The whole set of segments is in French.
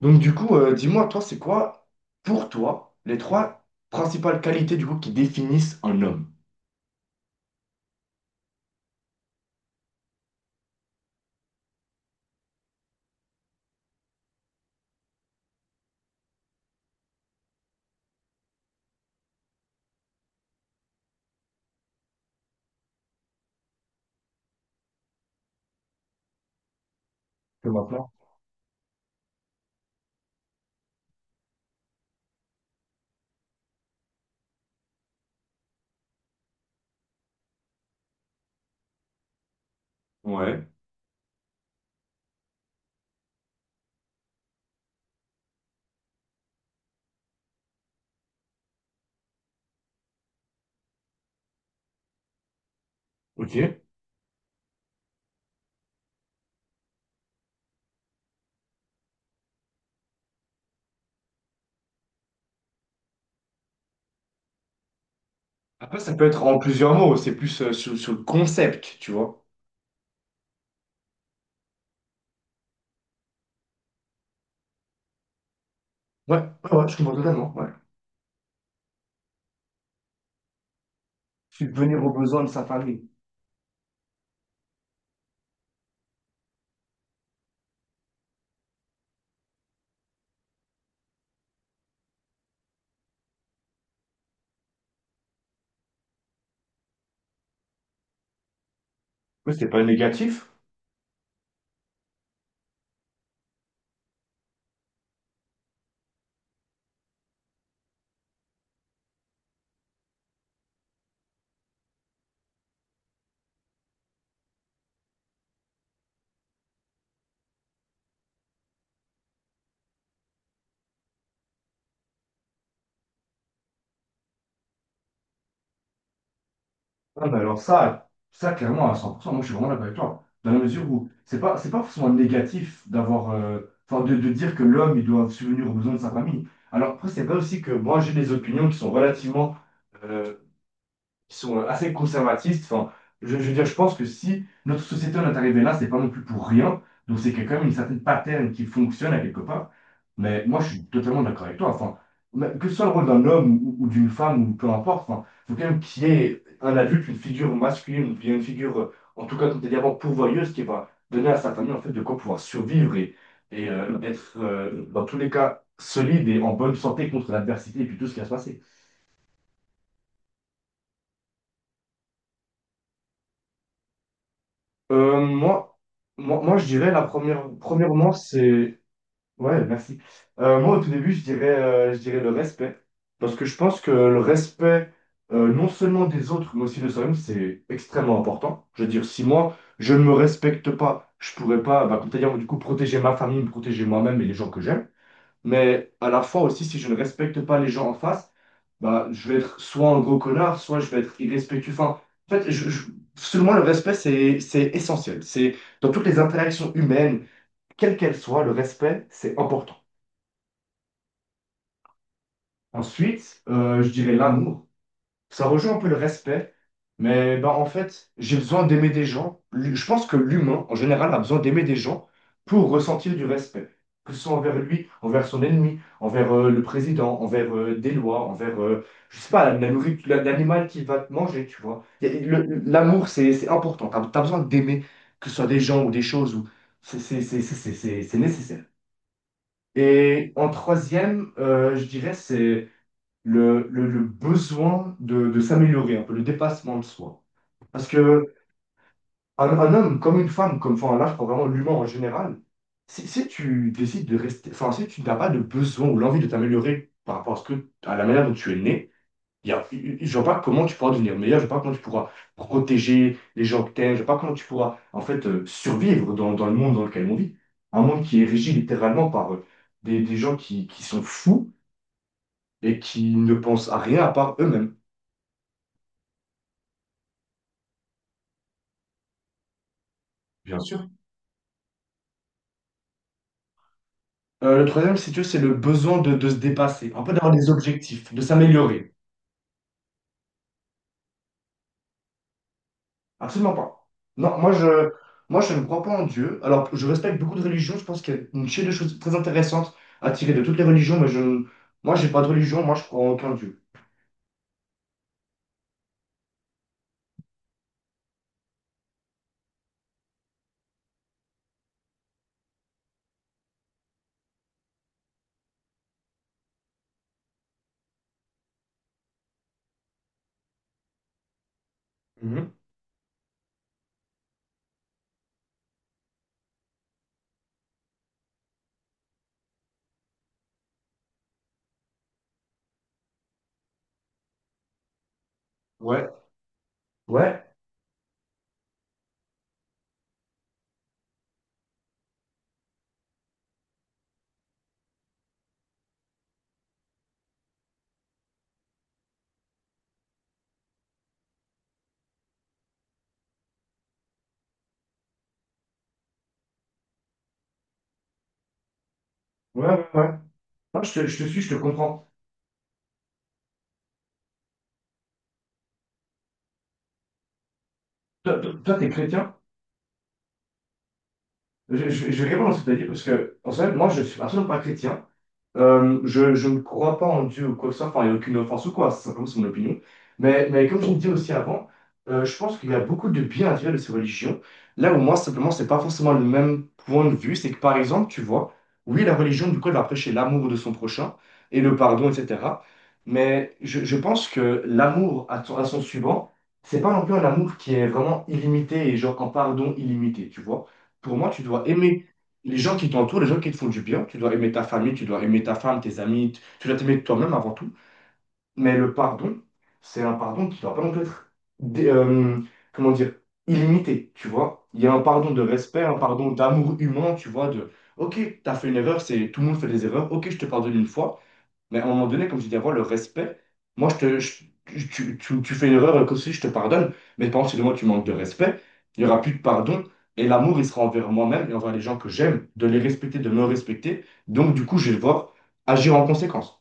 Donc du coup, dis-moi, toi, c'est quoi, pour toi, les trois principales qualités du coup qui définissent un homme? Que maintenant. Ouais. Ok. Ouais. Après, ça peut être en plusieurs mots, c'est plus sur, sur le concept, tu vois. Ouais, ouais, ouais, je comprends totalement, ouais. Subvenir aux besoins de sa famille. Ouais, c'est pas négatif. Ah, mais alors ça clairement à 100%, moi je suis vraiment d'accord avec toi. Dans la mesure où c'est pas forcément négatif d'avoir, enfin de dire que l'homme il doit subvenir aux besoins de sa famille. Alors après c'est vrai aussi que moi j'ai des opinions qui sont relativement euh, qui sont assez conservatistes. Enfin, je veux dire, je pense que si notre société en est arrivée là, c'est pas non plus pour rien. Donc c'est qu'il y a quand même une certaine pattern qui fonctionne à quelque part. Mais moi, je suis totalement d'accord avec toi. Enfin, mais que ce soit le rôle d'un homme ou d'une femme ou peu importe, enfin, il faut quand même qu'il y ait un adulte, une figure masculine, ou bien une figure, en tout cas, comme tu dit avant, pourvoyeuse, qui va donner à sa famille en fait de quoi pouvoir survivre et être dans tous les cas solide et en bonne santé contre l'adversité et puis tout ce qui va se passer. Euh, moi, moi, je dirais premièrement, c'est, ouais, merci. Moi, au tout début, je dirais le respect. Parce que je pense que le respect, non seulement des autres, mais aussi de soi-même, c'est extrêmement important. Je veux dire, si moi, je ne me respecte pas, je pourrais pas, bah, comme tu as dit, du coup, protéger ma famille, me protéger moi-même et les gens que j'aime. Mais à la fois aussi, si je ne respecte pas les gens en face, bah, je vais être soit un gros connard, soit je vais être irrespectueux. Enfin, en fait, selon moi, le respect, c'est essentiel. C'est dans toutes les interactions humaines, quelles qu'elles soient, le respect, c'est important. Ensuite, je dirais l'amour. Ça rejoint un peu le respect, mais ben, en fait, j'ai besoin d'aimer des gens. Je pense que l'humain, en général, a besoin d'aimer des gens pour ressentir du respect, que ce soit envers lui, envers son ennemi, envers le président, envers des lois, envers, je sais pas, la nourriture, l'animal qui va te manger, tu vois. L'amour, c'est important. As besoin d'aimer, que ce soit des gens ou des choses, ou c'est nécessaire. Et en troisième, je dirais, c'est le besoin de s'améliorer, un peu le dépassement de soi. Parce que un homme comme une femme, comme enfin là, je prends vraiment l'humain en général, si tu décides de rester, enfin si tu n'as pas de besoin ou l'envie de t'améliorer par rapport à, ce que, à la manière dont tu es né, il y a, je vois pas comment tu pourras devenir meilleur, je vois pas comment tu pourras protéger les gens que t'aimes, je vois pas comment tu pourras en fait survivre dans, dans le monde dans lequel on vit. Un monde qui est régi littéralement par des gens qui sont fous et qui ne pensent à rien à part eux-mêmes. Bien sûr. Le troisième, si tu veux, c'est le besoin de se dépasser, un peu d'avoir des objectifs, de s'améliorer. Absolument pas. Non, moi je ne crois pas en Dieu. Alors, je respecte beaucoup de religions. Je pense qu'il y a une chaîne de choses très intéressantes à tirer de toutes les religions, moi j'ai pas de religion. Moi, je crois en aucun Dieu. Mhm. Ouais, ouais, ouais, ouais. Ouais. Non, je te suis, je te comprends. Toi, toi, toi, t'es chrétien? Je vais répondre à ce que t'as dit parce que, en fait, moi, je suis absolument pas chrétien. Je ne crois pas en Dieu ou quoi que ce soit, enfin, il n'y a aucune offense ou quoi, c'est simplement c'est mon opinion. Mais comme je le disais aussi avant, je pense qu'il y a beaucoup de bien à tirer de ces religions. Là où moi, simplement, c'est pas forcément le même point de vue. C'est que par exemple, tu vois, oui, la religion, du coup, elle va prêcher l'amour de son prochain et le pardon, etc. Je pense que l'amour à, à son suivant, c'est pas non plus un amour qui est vraiment illimité et genre un pardon illimité, tu vois. Pour moi, tu dois aimer les gens qui t'entourent, les gens qui te font du bien, tu dois aimer ta famille, tu dois aimer ta femme, tes amis, tu dois t'aimer toi-même avant tout. Mais le pardon, c'est un pardon qui ne doit pas non plus être, dé- euh, comment dire, illimité, tu vois. Il y a un pardon de respect, un pardon d'amour humain, tu vois, de, ok, t'as fait une erreur, c'est, tout le monde fait des erreurs, ok, je te pardonne une fois. Mais à un moment donné, comme je dis avant, le respect, moi, je te, je- tu- tu fais une erreur, comme si je te pardonne, mais par contre, si moi, tu manques de respect, il n'y aura plus de pardon, et l'amour, il sera envers moi-même et envers les gens que j'aime, de les respecter, de me respecter. Donc, du coup, je vais devoir agir en conséquence.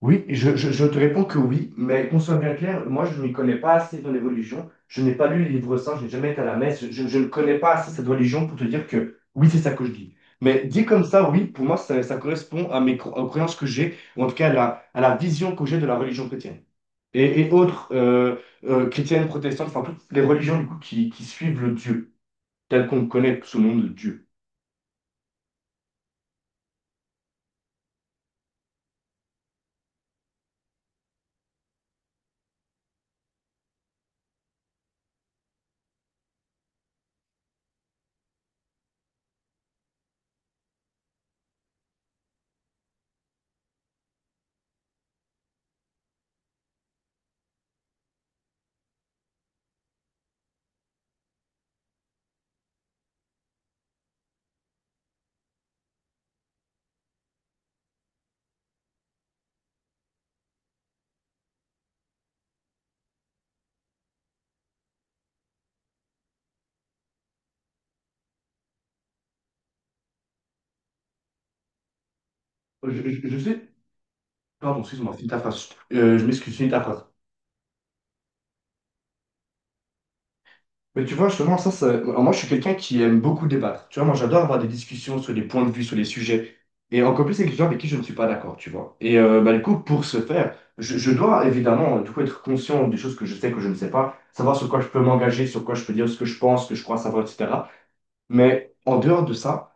Oui, je te réponds que oui, mais qu'on soit bien clair, moi je ne m'y connais pas assez dans l'évolution. Je n'ai pas lu les livres saints, je n'ai jamais été à la messe, je ne connais pas assez cette religion pour te dire que oui, c'est ça que je dis. Mais dit comme ça, oui, pour moi, ça correspond à mes aux croyances que j'ai, ou en tout cas à la vision que j'ai de la religion chrétienne. Et autres chrétiennes, protestantes, enfin toutes les religions du coup qui suivent le Dieu, tel qu'on le connaît sous le nom de Dieu. Je sais. Pardon, excuse-moi, finis ta phrase. Je m'excuse, finis ta phrase. Mais tu vois, justement, moi, je suis quelqu'un qui aime beaucoup débattre. Tu vois, moi, j'adore avoir des discussions sur les points de vue, sur les sujets. Et encore plus avec les gens avec qui je ne suis pas d'accord, tu vois. Et bah, du coup, pour ce faire, je dois évidemment, du coup, être conscient des choses que je sais, que je ne sais pas, savoir sur quoi je peux m'engager, sur quoi je peux dire ce que je pense, ce que je crois savoir, etc. Mais en dehors de ça,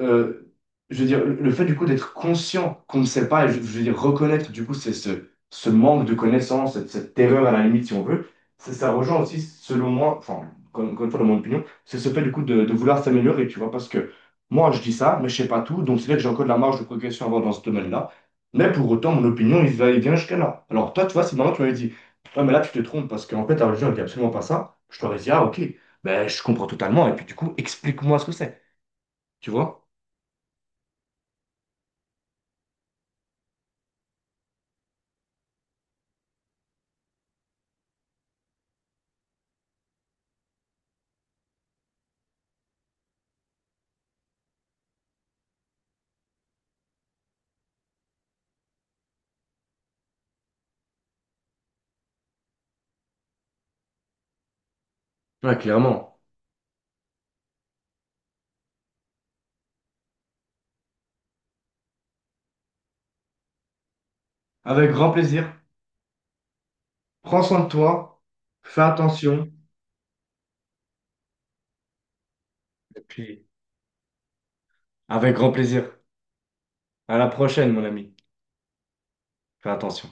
euh, je veux dire, le fait du coup d'être conscient qu'on ne sait pas, et je veux dire reconnaître du coup c'est ce, ce manque de connaissance, cette, cette terreur à la limite si on veut, ça rejoint aussi selon moi, enfin encore une fois dans mon opinion, c'est ce fait du coup de vouloir s'améliorer, tu vois, parce que moi je dis ça, mais je sais pas tout, donc c'est vrai que j'ai encore de la marge de progression à avoir dans ce domaine-là, mais pour autant mon opinion il va et vient jusqu'à là. Alors toi tu vois, si maintenant tu m'avais dit, ouais mais là tu te trompes parce qu'en fait ta religion elle dit absolument pas ça, je t'aurais dit ah ok, ben je comprends totalement et puis du coup explique-moi ce que c'est, tu vois? Ouais, clairement. Avec grand plaisir. Prends soin de toi. Fais attention. Et puis, avec grand plaisir. À la prochaine, mon ami. Fais attention.